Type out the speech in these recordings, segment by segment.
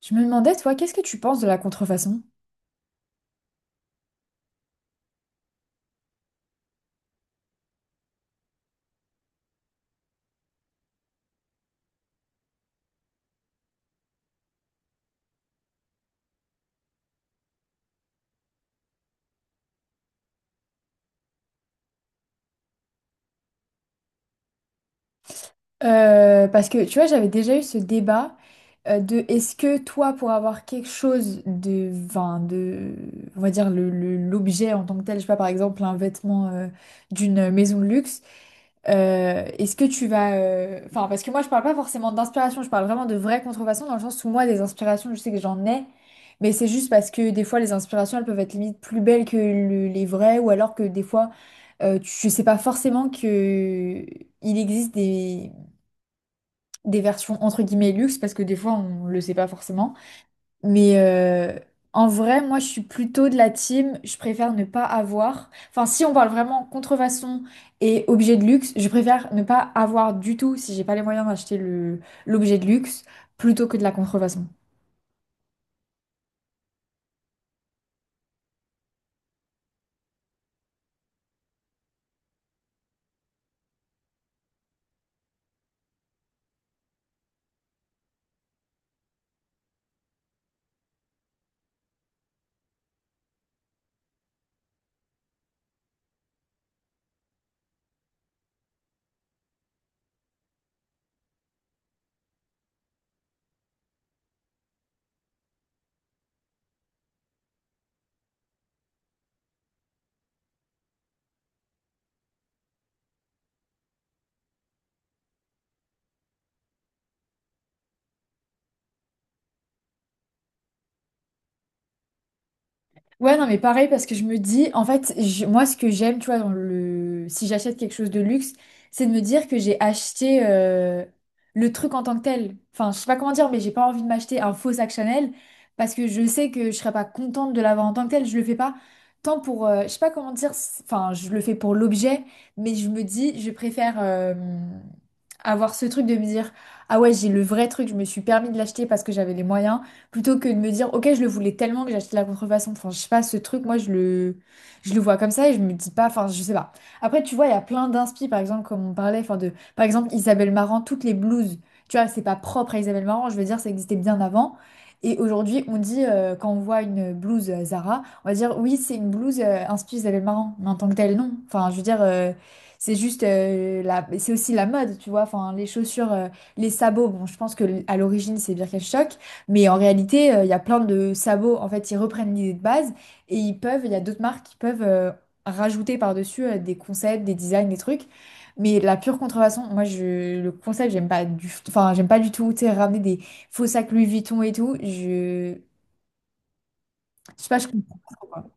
Je me demandais, toi, qu'est-ce que tu penses de la contrefaçon? Parce que tu vois, j'avais déjà eu ce débat de est-ce que toi, pour avoir quelque chose de, enfin, de, on va dire l'objet en tant que tel, je sais pas, par exemple un vêtement d'une maison de luxe, est-ce que tu vas, enfin, parce que moi, je parle pas forcément d'inspiration, je parle vraiment de vraies contrefaçons dans le sens où moi, des inspirations, je sais que j'en ai, mais c'est juste parce que des fois, les inspirations, elles peuvent être limite plus belles que les vraies, ou alors que des fois, tu sais pas forcément que il existe des versions entre guillemets luxe parce que des fois on le sait pas forcément. Mais en vrai, moi je suis plutôt de la team, je préfère ne pas avoir. Enfin, si on parle vraiment contrefaçon et objet de luxe, je préfère ne pas avoir du tout si j'ai pas les moyens d'acheter le l'objet de luxe plutôt que de la contrefaçon. Ouais, non, mais pareil, parce que je me dis, en fait, moi, ce que j'aime, tu vois, si j'achète quelque chose de luxe, c'est de me dire que j'ai acheté le truc en tant que tel. Enfin, je sais pas comment dire, mais j'ai pas envie de m'acheter un faux sac Chanel parce que je sais que je serais pas contente de l'avoir en tant que tel. Je le fais pas tant pour, je sais pas comment dire, enfin, je le fais pour l'objet, mais je me dis, je préfère avoir ce truc de me dire, ah ouais, j'ai le vrai truc, je me suis permis de l'acheter parce que j'avais les moyens plutôt que de me dire, ok, je le voulais tellement que j'ai acheté la contrefaçon. Enfin, je sais pas, ce truc, moi, je le vois comme ça et je me dis pas, enfin, je sais pas. Après, tu vois, il y a plein d'inspi, par exemple, comme on parlait, enfin, de, par exemple, Isabelle Marant, toutes les blouses, tu vois, c'est pas propre à Isabelle Marant, je veux dire, ça existait bien avant. Et aujourd'hui, on dit, quand on voit une blouse Zara, on va dire, oui, c'est une blouse inspirée Isabelle Marant, mais en tant que telle, non. Enfin, je veux dire, c'est juste, c'est aussi la mode, tu vois, enfin, les chaussures. Les sabots, bon, je pense que à l'origine c'est Birkenstock, mais en réalité, il y a plein de sabots. En fait, ils reprennent l'idée de base et ils peuvent, il y a d'autres marques qui peuvent rajouter par-dessus des concepts, des designs, des trucs. Mais la pure contrefaçon, moi, le concept, j'aime pas du, enfin, j'aime pas du tout. Tu sais, ramener des faux sacs Louis Vuitton et tout, je sais pas, je comprends pas.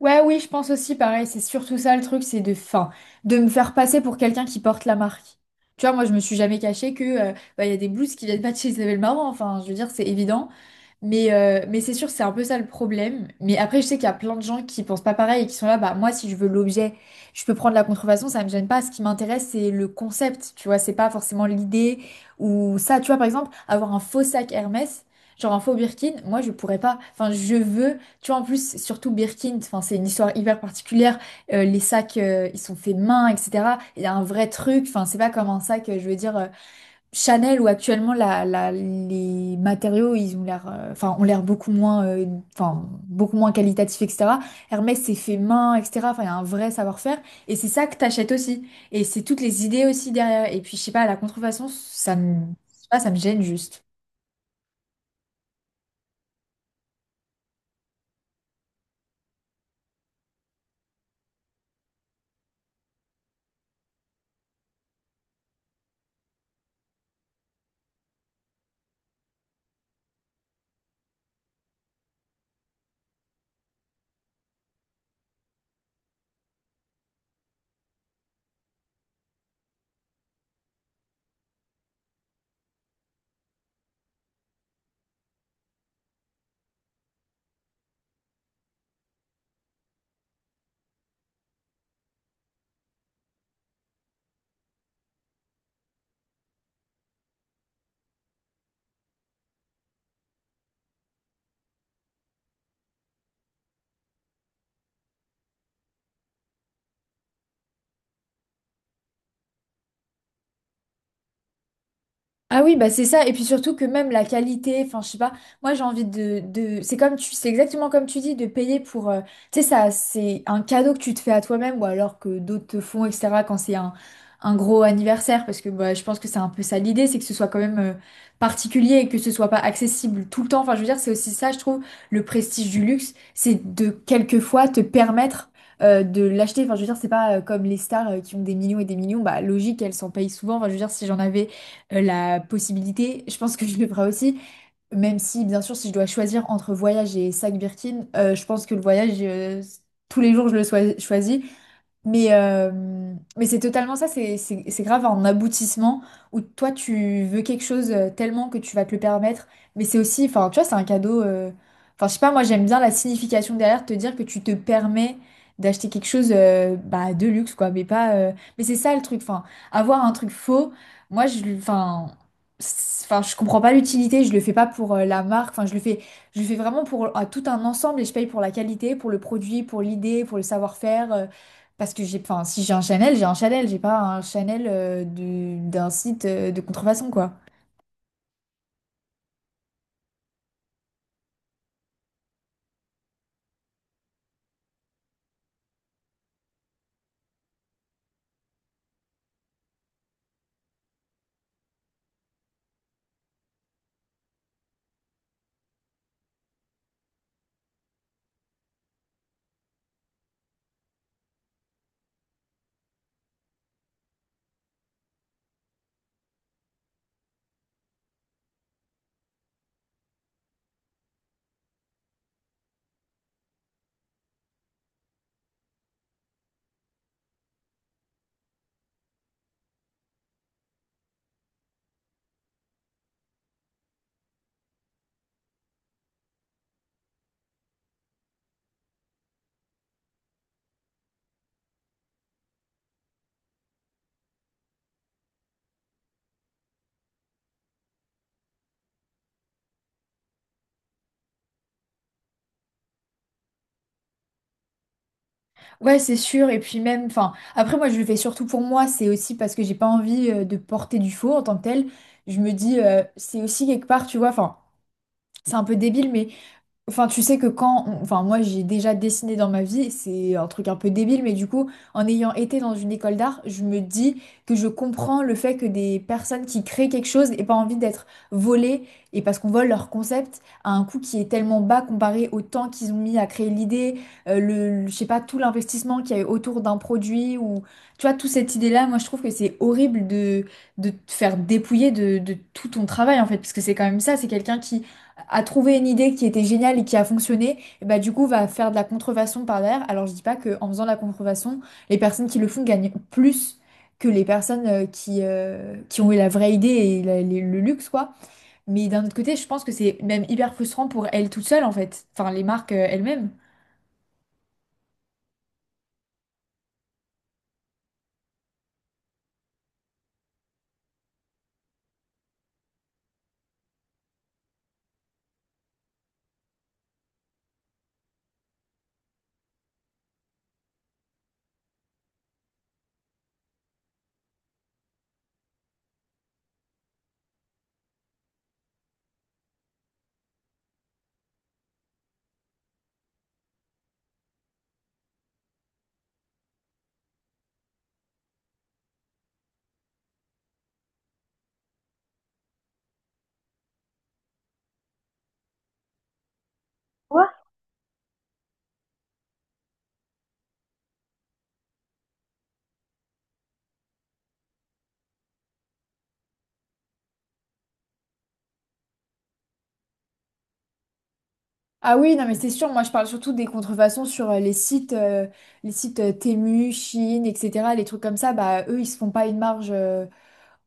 Ouais, oui, je pense aussi pareil. C'est surtout ça le truc, c'est de, fin, de me faire passer pour quelqu'un qui porte la marque. Tu vois, moi, je me suis jamais cachée que bah, il y a des blouses qui viennent pas de chez Isabelle Marant. Enfin, je veux dire, c'est évident. Mais c'est sûr, c'est un peu ça le problème. Mais après, je sais qu'il y a plein de gens qui pensent pas pareil et qui sont là, bah moi, si je veux l'objet, je peux prendre la contrefaçon, ça me gêne pas. Ce qui m'intéresse, c'est le concept. Tu vois, c'est pas forcément l'idée ou ça. Tu vois, par exemple, avoir un faux sac Hermès, genre un faux Birkin, moi, je pourrais pas. Enfin, je veux tu vois, en plus, surtout Birkin, enfin, c'est une histoire hyper particulière. Les sacs, ils sont faits main, etc. Il y a un vrai truc. Enfin, c'est pas comme un sac, je veux dire, Chanel où actuellement les matériaux, ils ont l'air, ont l'air beaucoup moins, beaucoup moins qualitatifs, etc. Hermès, c'est fait main, etc. Enfin, il y a un vrai savoir-faire. Et c'est ça que t'achètes aussi. Et c'est toutes les idées aussi derrière. Et puis, je sais pas, la contrefaçon, je sais pas, ça me gêne juste. Ah oui, bah c'est ça. Et puis surtout que même la qualité, enfin je sais pas, moi j'ai envie c'est c'est exactement comme tu dis, de payer pour... tu sais, ça, c'est un cadeau que tu te fais à toi-même ou alors que d'autres te font, etc. quand c'est un gros anniversaire. Parce que bah, je pense que c'est un peu ça l'idée, c'est que ce soit quand même particulier et que ce soit pas accessible tout le temps. Enfin je veux dire, c'est aussi ça, je trouve, le prestige du luxe, c'est de quelquefois te permettre... de l'acheter, enfin je veux dire c'est pas comme les stars qui ont des millions et des millions, bah logique elles s'en payent souvent, enfin je veux dire si j'en avais la possibilité, je pense que je le ferai aussi, même si bien sûr si je dois choisir entre voyage et sac Birkin, je pense que le voyage, tous les jours je le choisis, mais, c'est totalement ça, c'est grave un aboutissement où toi tu veux quelque chose tellement que tu vas te le permettre, mais c'est aussi, enfin tu vois, c'est un cadeau, enfin je sais pas, moi j'aime bien la signification derrière, te dire que tu te permets d'acheter quelque chose bah, de luxe quoi, mais pas, mais c'est ça le truc, enfin avoir un truc faux, enfin, enfin je comprends pas l'utilité, je le fais pas pour la marque, enfin je le fais vraiment pour tout un ensemble et je paye pour la qualité, pour le produit, pour l'idée, pour le savoir-faire. Parce que j'ai, enfin, si j'ai un Chanel, j'ai un Chanel, j'ai pas un Chanel d'un site de contrefaçon, quoi. Ouais, c'est sûr. Et puis même, enfin, après moi, je le fais surtout pour moi. C'est aussi parce que j'ai pas envie de porter du faux en tant que tel. Je me dis, c'est aussi quelque part, tu vois, enfin, c'est un peu débile, mais enfin, tu sais que quand, enfin, moi j'ai déjà dessiné dans ma vie, c'est un truc un peu débile, mais du coup, en ayant été dans une école d'art, je me dis que je comprends le fait que des personnes qui créent quelque chose n'aient pas envie d'être volées, et parce qu'on vole leur concept à un coût qui est tellement bas comparé au temps qu'ils ont mis à créer l'idée, je sais pas, tout l'investissement qu'il y a eu autour d'un produit, ou tu vois, toute cette idée-là, moi je trouve que c'est horrible de te faire dépouiller de tout ton travail en fait, parce que c'est quand même ça, c'est quelqu'un qui a trouvé une idée qui était géniale et qui a fonctionné, et bah du coup va faire de la contrefaçon par derrière. Alors je dis pas que en faisant de la contrefaçon, les personnes qui le font gagnent plus que les personnes qui ont eu la vraie idée et le luxe quoi. Mais d'un autre côté, je pense que c'est même hyper frustrant pour elles toutes seules en fait, enfin les marques elles-mêmes. Ah oui, non mais c'est sûr, moi je parle surtout des contrefaçons sur les sites Temu, Chine, etc. Les trucs comme ça, bah eux ils se font pas une marge. euh,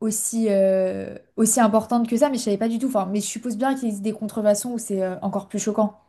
aussi, euh, Aussi importante que ça, mais je savais pas du tout. Enfin, mais je suppose bien qu'il existe des contrefaçons où c'est encore plus choquant.